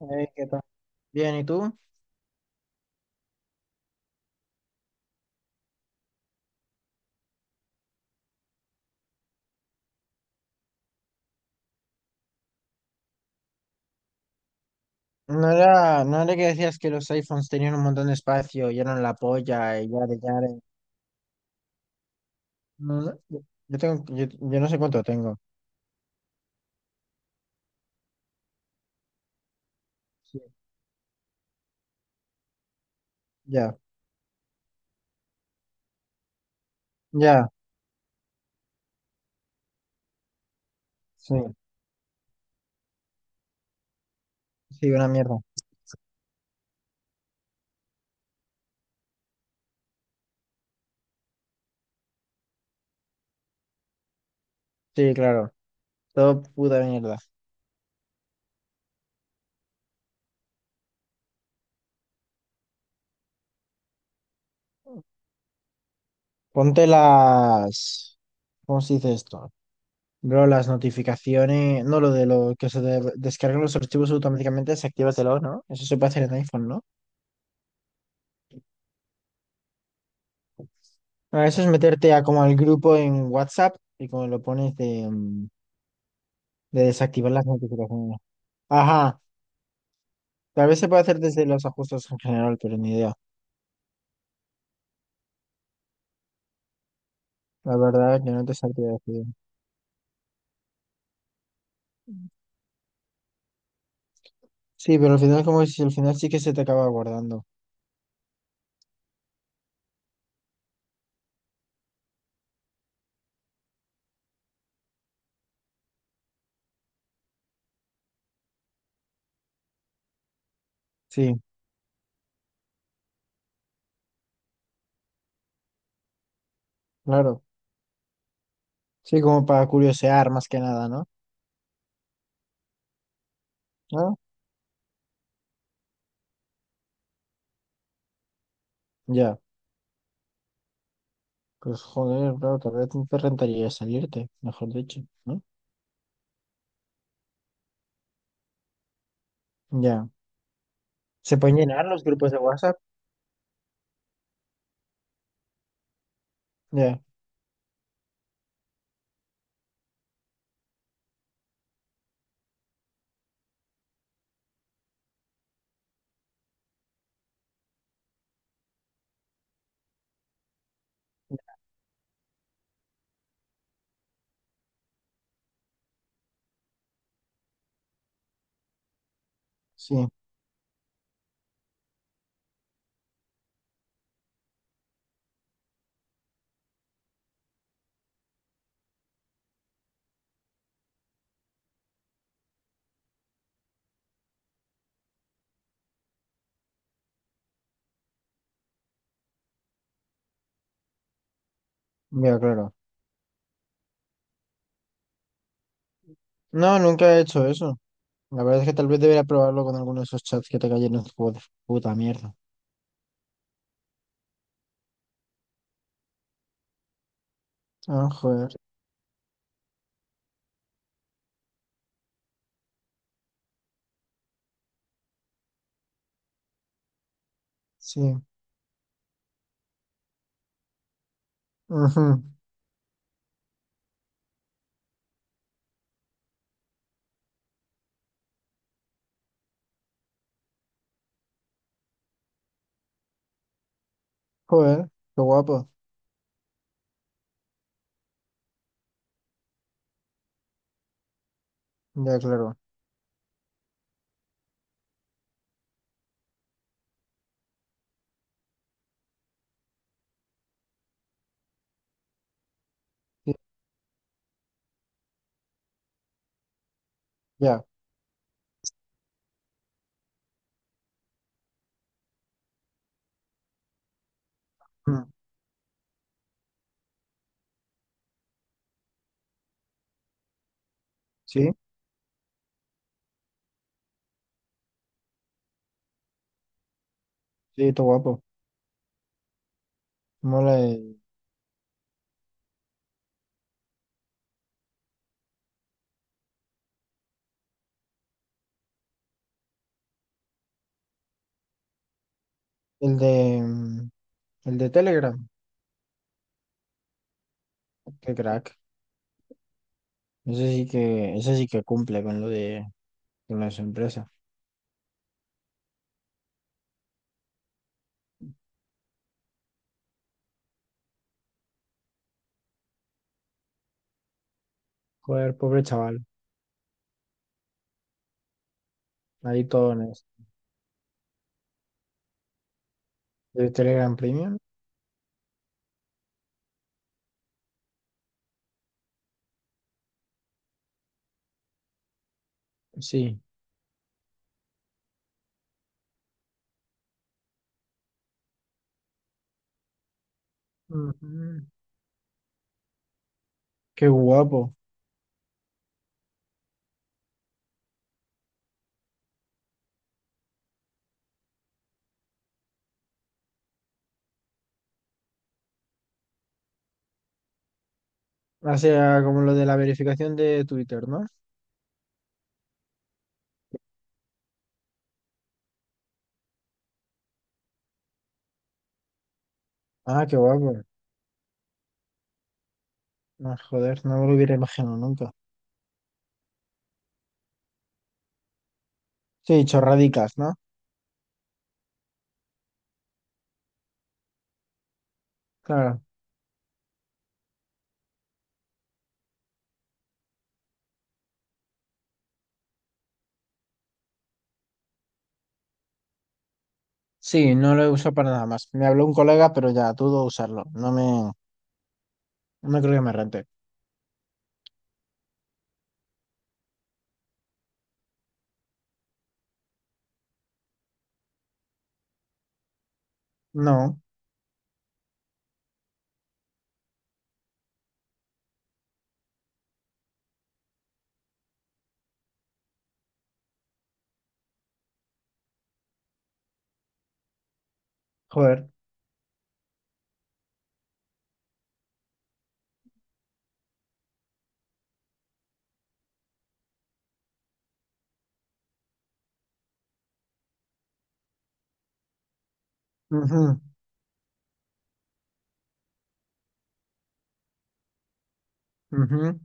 Ey, ¿qué tal? Bien, ¿y tú? No era que decías que los iPhones tenían un montón de espacio y eran la polla y yare yare. No, no, yo tengo, yo no sé cuánto tengo. Sí. Ya, ya, sí, sí, una mierda. Sí, claro, todo puta mierda. Ponte las, ¿cómo se dice esto? Bro, las notificaciones, no lo de lo que se de- descargan los archivos automáticamente, desactívatelo, ¿no? Eso se puede hacer en iPhone, ¿no? Ah, eso es meterte a como al grupo en WhatsApp y como lo pones de... de desactivar las notificaciones. Ajá. Tal vez se puede hacer desde los ajustes en general, pero ni idea. La verdad es que no te sabría decir. Sí, pero al final como si al final sí que se te acaba guardando. Sí, claro. Sí, como para curiosear más que nada, ¿no? ¿No? Ya. Pues joder, claro, tal vez no te rentaría salirte, mejor dicho, ¿no? Ya. ¿Se pueden llenar los grupos de WhatsApp? Ya. Sí, ya, claro. No, nunca he hecho eso. La verdad es que tal vez debería probarlo con alguno de esos chats que te cayeron de puta mierda. Ah, joder. Sí. Ujú. Joder, qué guapo. Ya, claro. Sí, ya. Ujú. Sí, sí, qué guapo. Mola el de el de Telegram. Qué crack. Ese sí que cumple con lo de con las empresas. Joder, pobre chaval. Ahí todo en eso. ¿De Telegram Premium? Sí. Ujú. Qué guapo. Hace como lo de la verificación de Twitter, ¿no? Ah, qué guapo. Ah, joder, no me lo hubiera imaginado nunca. Sí, chorradicas, ¿no? Claro. Sí, no lo uso para nada más. Me habló un colega, pero ya dudo usarlo. No me, no creo que me rente. No, joder. Ujú, ujú.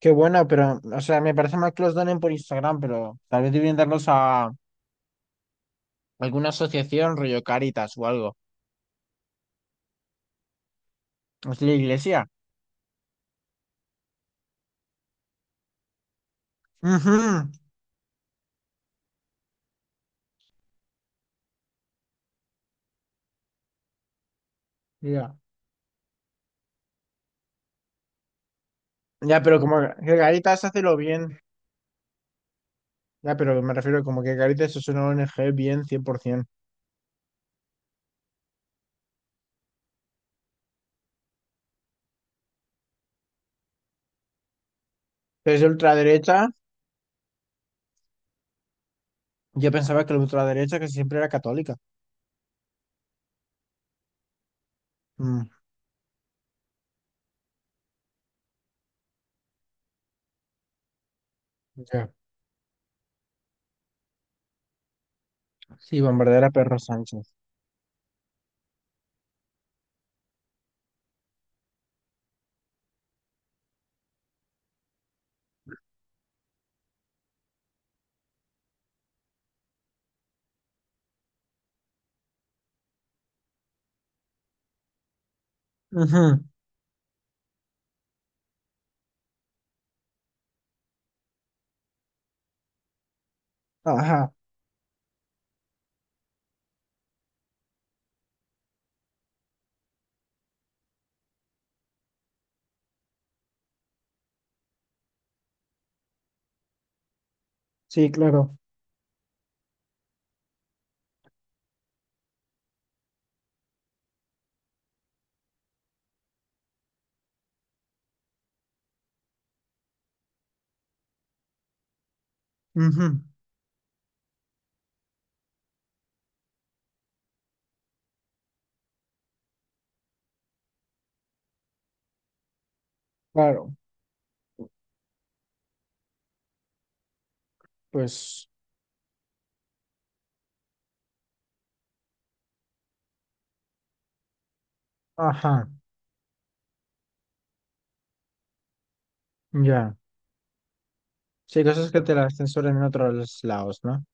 Qué bueno, pero, o sea, me parece mal que los donen por Instagram, pero tal vez debían darlos a alguna asociación, rollo Caritas o algo. Es la iglesia. Ujú. Ya. Ya, pero como que Caritas hace lo bien. Ya, pero me refiero como que Caritas es una ONG bien 100%. Pero es ultraderecha. Yo pensaba que la ultraderecha que siempre era católica. Mm, ya. Sí, bombardear a perro Sánchez. Ujú, ajá, sí, claro. Ujú, claro, pues, ajá, ya. Sí, cosas que te las censuran en otros lados, ¿no?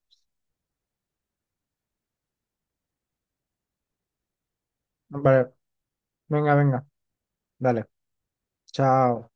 Vale, venga, venga, dale. Chao.